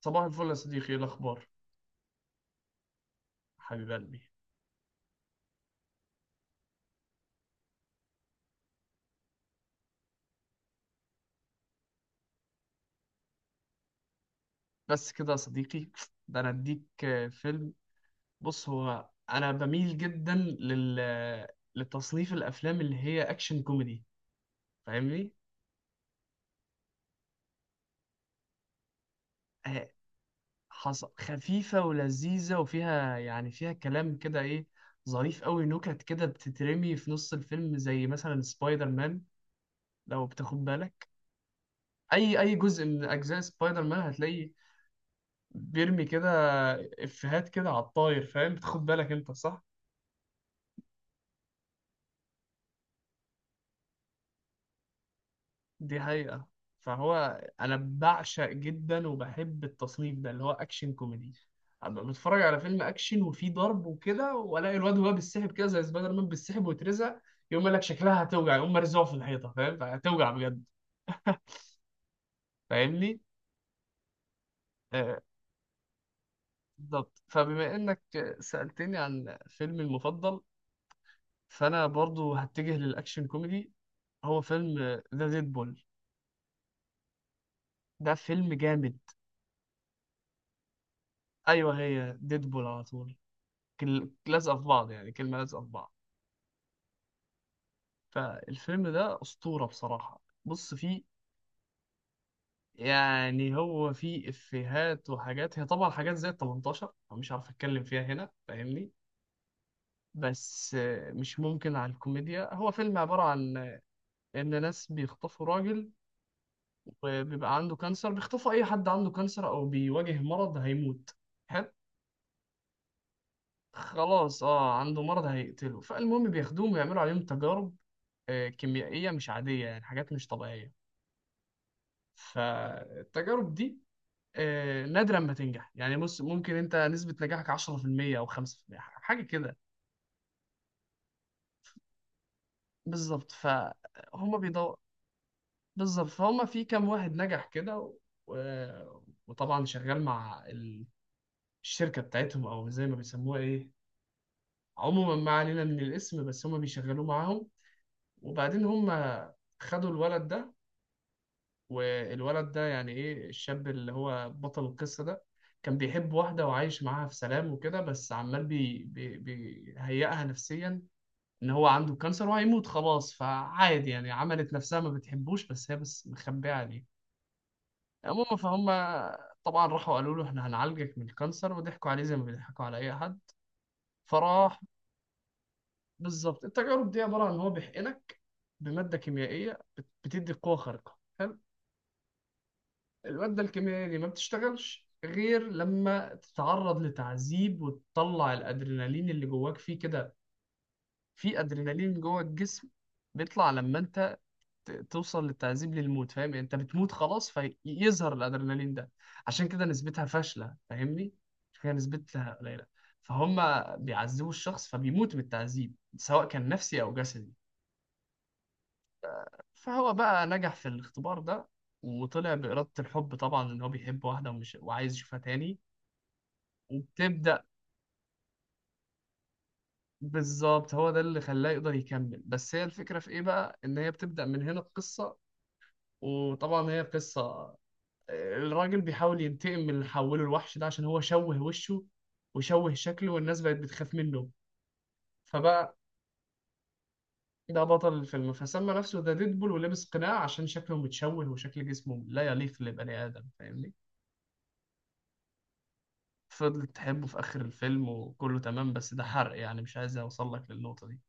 صباح الفل يا صديقي، ايه الاخبار؟ حبيب قلبي. بس كده يا صديقي؟ ده انا اديك فيلم. بص، هو انا بميل جدا لتصنيف الافلام اللي هي اكشن كوميدي، فاهمني؟ آه، خفيفه ولذيذه، وفيها يعني فيها كلام كده ايه، ظريف قوي، نكت كده بتترمي في نص الفيلم، زي مثلا سبايدر مان، لو بتاخد بالك. اي جزء من اجزاء سبايدر مان هتلاقي بيرمي كده افيهات كده على الطاير، فاهم؟ بتاخد بالك انت؟ صح، دي حقيقة. فهو أنا بعشق جدا وبحب التصنيف ده اللي هو أكشن كوميدي. أبقى بتفرج على فيلم أكشن وفيه ضرب وكده، وألاقي الواد وهو بيتسحب كده زي سبايدر مان، بيتسحب ويترزق، يقوم قال لك شكلها هتوجع، يقوم مرزوع في الحيطة. فاهم؟ فهتوجع بجد. فاهمني؟ آه، بالظبط. فبما إنك سألتني عن فيلمي المفضل، فأنا برضو هتجه للأكشن كوميدي. هو فيلم ذا ديدبول. ده فيلم جامد. أيوه، هي ديدبول على طول، لازقه في بعض، يعني كلمه لازقه في بعض. فالفيلم ده اسطوره بصراحه. بص، فيه يعني هو فيه افيهات وحاجات، هي طبعا حاجات زي ال 18، فمش عارف اتكلم فيها هنا، فاهمني؟ بس مش ممكن على الكوميديا. هو فيلم عباره عن ان ناس بيخطفوا راجل وبيبقى عنده كانسر. بيخطفوا اي حد عنده كانسر او بيواجه مرض هيموت. حلو. خلاص، اه، عنده مرض هيقتله. فالمهم بياخدوهم ويعملوا عليهم تجارب كيميائية مش عادية، يعني حاجات مش طبيعية. فالتجارب دي نادرا ما تنجح، يعني بص، ممكن انت نسبة نجاحك 10% او 5%، حاجة كده. بالظبط. فهم بيدور. بالظبط. فهم في كام واحد نجح كده و... و- وطبعا شغال مع الشركة بتاعتهم، او زي ما بيسموها ايه، عموما ما علينا من الاسم، بس هم بيشغلوه معاهم. وبعدين هم خدوا الولد ده، والولد ده يعني ايه، الشاب اللي هو بطل القصة ده، كان بيحب واحدة وعايش معاها في سلام وكده، بس عمال بي بي بيهيئها نفسيا ان هو عنده كانسر وهيموت خلاص. فعادي، يعني عملت نفسها ما بتحبوش، بس هي بس مخبية عليه. المهم، فهم طبعا راحوا قالوا له احنا هنعالجك من الكانسر، وضحكوا عليه زي ما بيضحكوا على اي حد. فراح. بالظبط، التجارب دي عبارة عن ان هو بيحقنك بمادة كيميائية بتدي قوة خارقة. حلو. المادة الكيميائية دي ما بتشتغلش غير لما تتعرض لتعذيب وتطلع الأدرينالين اللي جواك فيه كده. في أدرينالين جوا الجسم بيطلع لما انت توصل للتعذيب للموت، فاهم؟ يعني انت بتموت خلاص فيظهر الأدرينالين ده. عشان كده نسبتها فاشلة، فاهمني؟ عشان كده نسبتها قليلة. فهم بيعذبوا الشخص فبيموت من التعذيب، سواء كان نفسي أو جسدي. فهو بقى نجح في الاختبار ده، وطلع بإرادة الحب، طبعا إن هو بيحب واحدة ومش وعايز يشوفها تاني. وبتبدأ، بالظبط، هو ده اللي خلاه يقدر يكمل. بس هي الفكرة في ايه بقى، ان هي بتبدأ من هنا القصة. وطبعا هي قصة الراجل بيحاول ينتقم من اللي حوله، الوحش ده، عشان هو شوه وشه وشوه شكله والناس بقت بتخاف منه. فبقى ده بطل الفيلم، فسمى نفسه ذا ديدبول ولبس قناع عشان شكله متشوه وشكل جسمه لا يليق لبني آدم، فاهمني؟ فضلت تحبه في آخر الفيلم وكله تمام، بس ده حرق، يعني مش عايز أوصل لك للنقطة دي.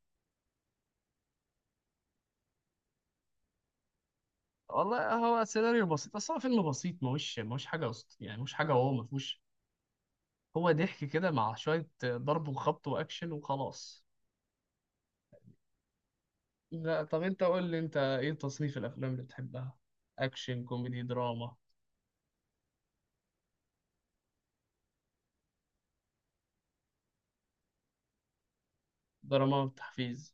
والله هو سيناريو بسيط، بس هو فيلم بسيط. ماهوش حاجة يعني ماهوش حاجة واو، مفهوش. هو ضحك كده مع شوية ضرب وخبط وأكشن وخلاص. لا، طب أنت قول لي، أنت إيه تصنيف الأفلام اللي بتحبها؟ أكشن، كوميدي، دراما، دراما، تحفيز؟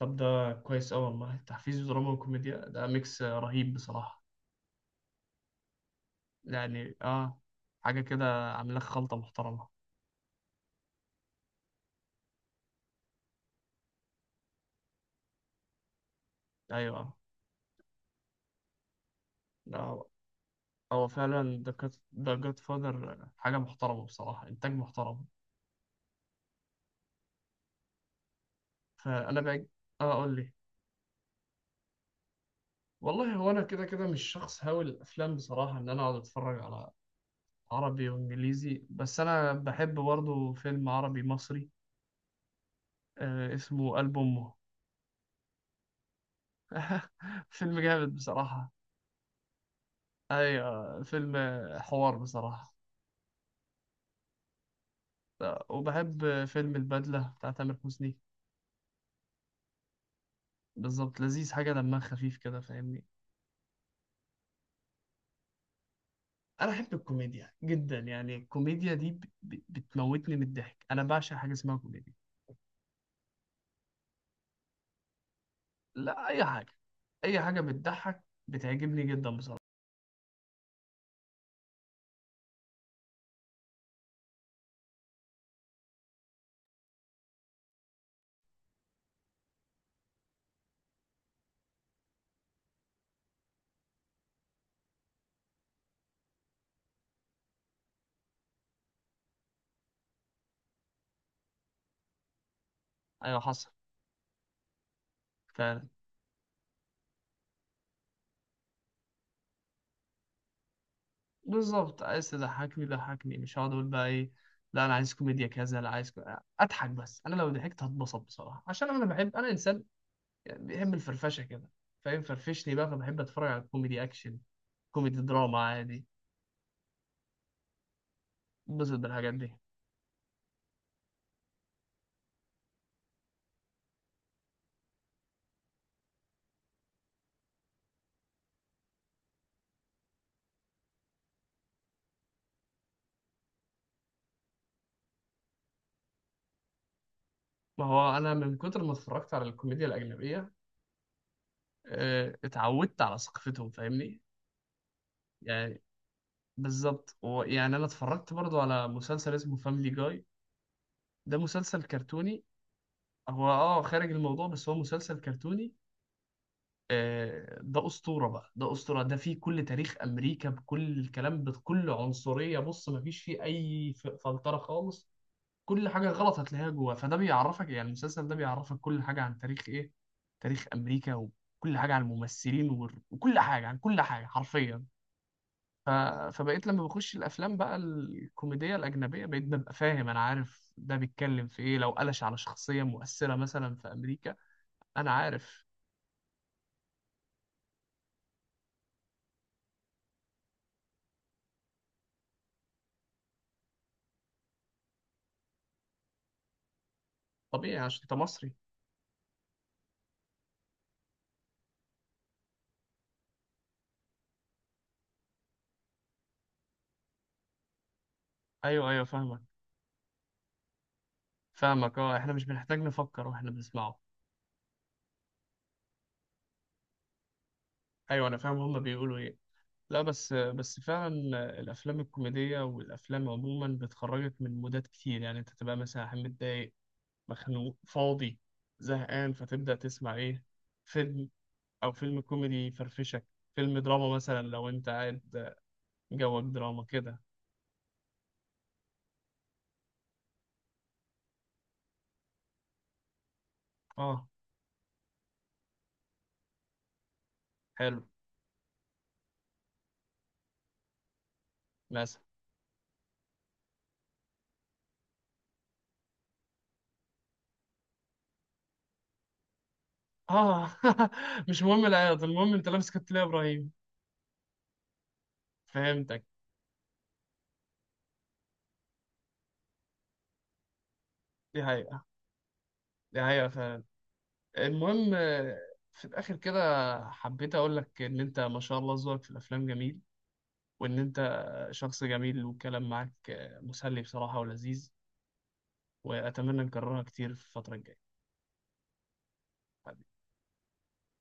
طب ده كويس أوي والله، تحفيز ودراما وكوميديا، ده ميكس رهيب بصراحة. يعني آه، حاجة كده عاملة لك خلطة محترمة. أيوه. لا، هو هو فعلا ده جاد فاذر حاجة محترمة بصراحة، إنتاج محترم. فانا بقى. اه، اقول لي. والله هو انا كده كده مش شخص هاوي الافلام بصراحه، ان انا اقعد اتفرج على عربي وانجليزي، بس انا بحب برضه فيلم عربي مصري آه اسمه قلب امه. فيلم جامد بصراحه، ايوه، فيلم حوار بصراحه. وبحب فيلم البدله بتاع تامر حسني. بالظبط، لذيذ، حاجه دمها خفيف كده، فاهمني؟ انا احب الكوميديا جدا، يعني الكوميديا دي بتموتني من الضحك، انا بعشق حاجه اسمها كوميديا. لا، اي حاجه، اي حاجه بتضحك بتعجبني جدا بصراحه. ايوه، حصل فعلا. بالظبط، عايز تضحكني ضحكني، مش هقعد اقول بقى ايه، لا انا عايز كوميديا كذا لا عايز اضحك بس. انا لو ضحكت هتبسط بصراحه، عشان انا بحب، انا انسان يعني بيحب الفرفشه كده، فاهم؟ فرفشني بقى. فبحب اتفرج على كوميدي اكشن، كوميدي دراما، عادي، اتبسط بالحاجات دي. ما هو انا من كتر ما اتفرجت على الكوميديا الاجنبيه اتعودت على ثقافتهم، فاهمني؟ يعني، بالظبط. ويعني انا اتفرجت برضو على مسلسل اسمه فاميلي جاي، ده مسلسل كرتوني. هو اه خارج الموضوع، بس هو مسلسل كرتوني آه، ده اسطوره بقى، ده اسطوره. ده فيه كل تاريخ امريكا، بكل الكلام، بكل عنصريه. بص، مفيش فيه اي فلتره خالص، كل حاجه غلط هتلاقيها جوه. فده بيعرفك، يعني المسلسل ده بيعرفك كل حاجه عن تاريخ ايه، تاريخ امريكا، وكل حاجه عن الممثلين وكل حاجه عن كل حاجه حرفيا. ف... فبقيت لما بخش الافلام بقى الكوميديه الاجنبيه، بقيت ببقى فاهم، انا عارف ده بيتكلم في ايه، لو قلش على شخصيه مؤثره مثلا في امريكا انا عارف. طبيعي عشان انت مصري. ايوه ايوه، فاهمك، فاهمك. اه، احنا مش بنحتاج نفكر واحنا بنسمعه. ايوه انا فاهم هما بيقولوا ايه. لا بس فعلا الافلام الكوميديه والافلام عموما بتخرجك من مودات كتير. يعني انت تبقى مثلا متضايق، مخنوق، فاضي، زهقان، فتبدا تسمع ايه، فيلم او فيلم كوميدي يفرفشك. فيلم دراما مثلا لو انت قاعد جوك دراما كده. اه، حلو. مثلا اه، مش مهم العياط، المهم انت لابس كابتن يا ابراهيم. فهمتك. دي حقيقة، دي حقيقة فعلا. المهم في الاخر كده حبيت اقول لك ان انت ما شاء الله ذوقك في الافلام جميل، وان انت شخص جميل، والكلام معاك مسلي بصراحة ولذيذ. واتمنى نكررها كتير في الفترة الجاية.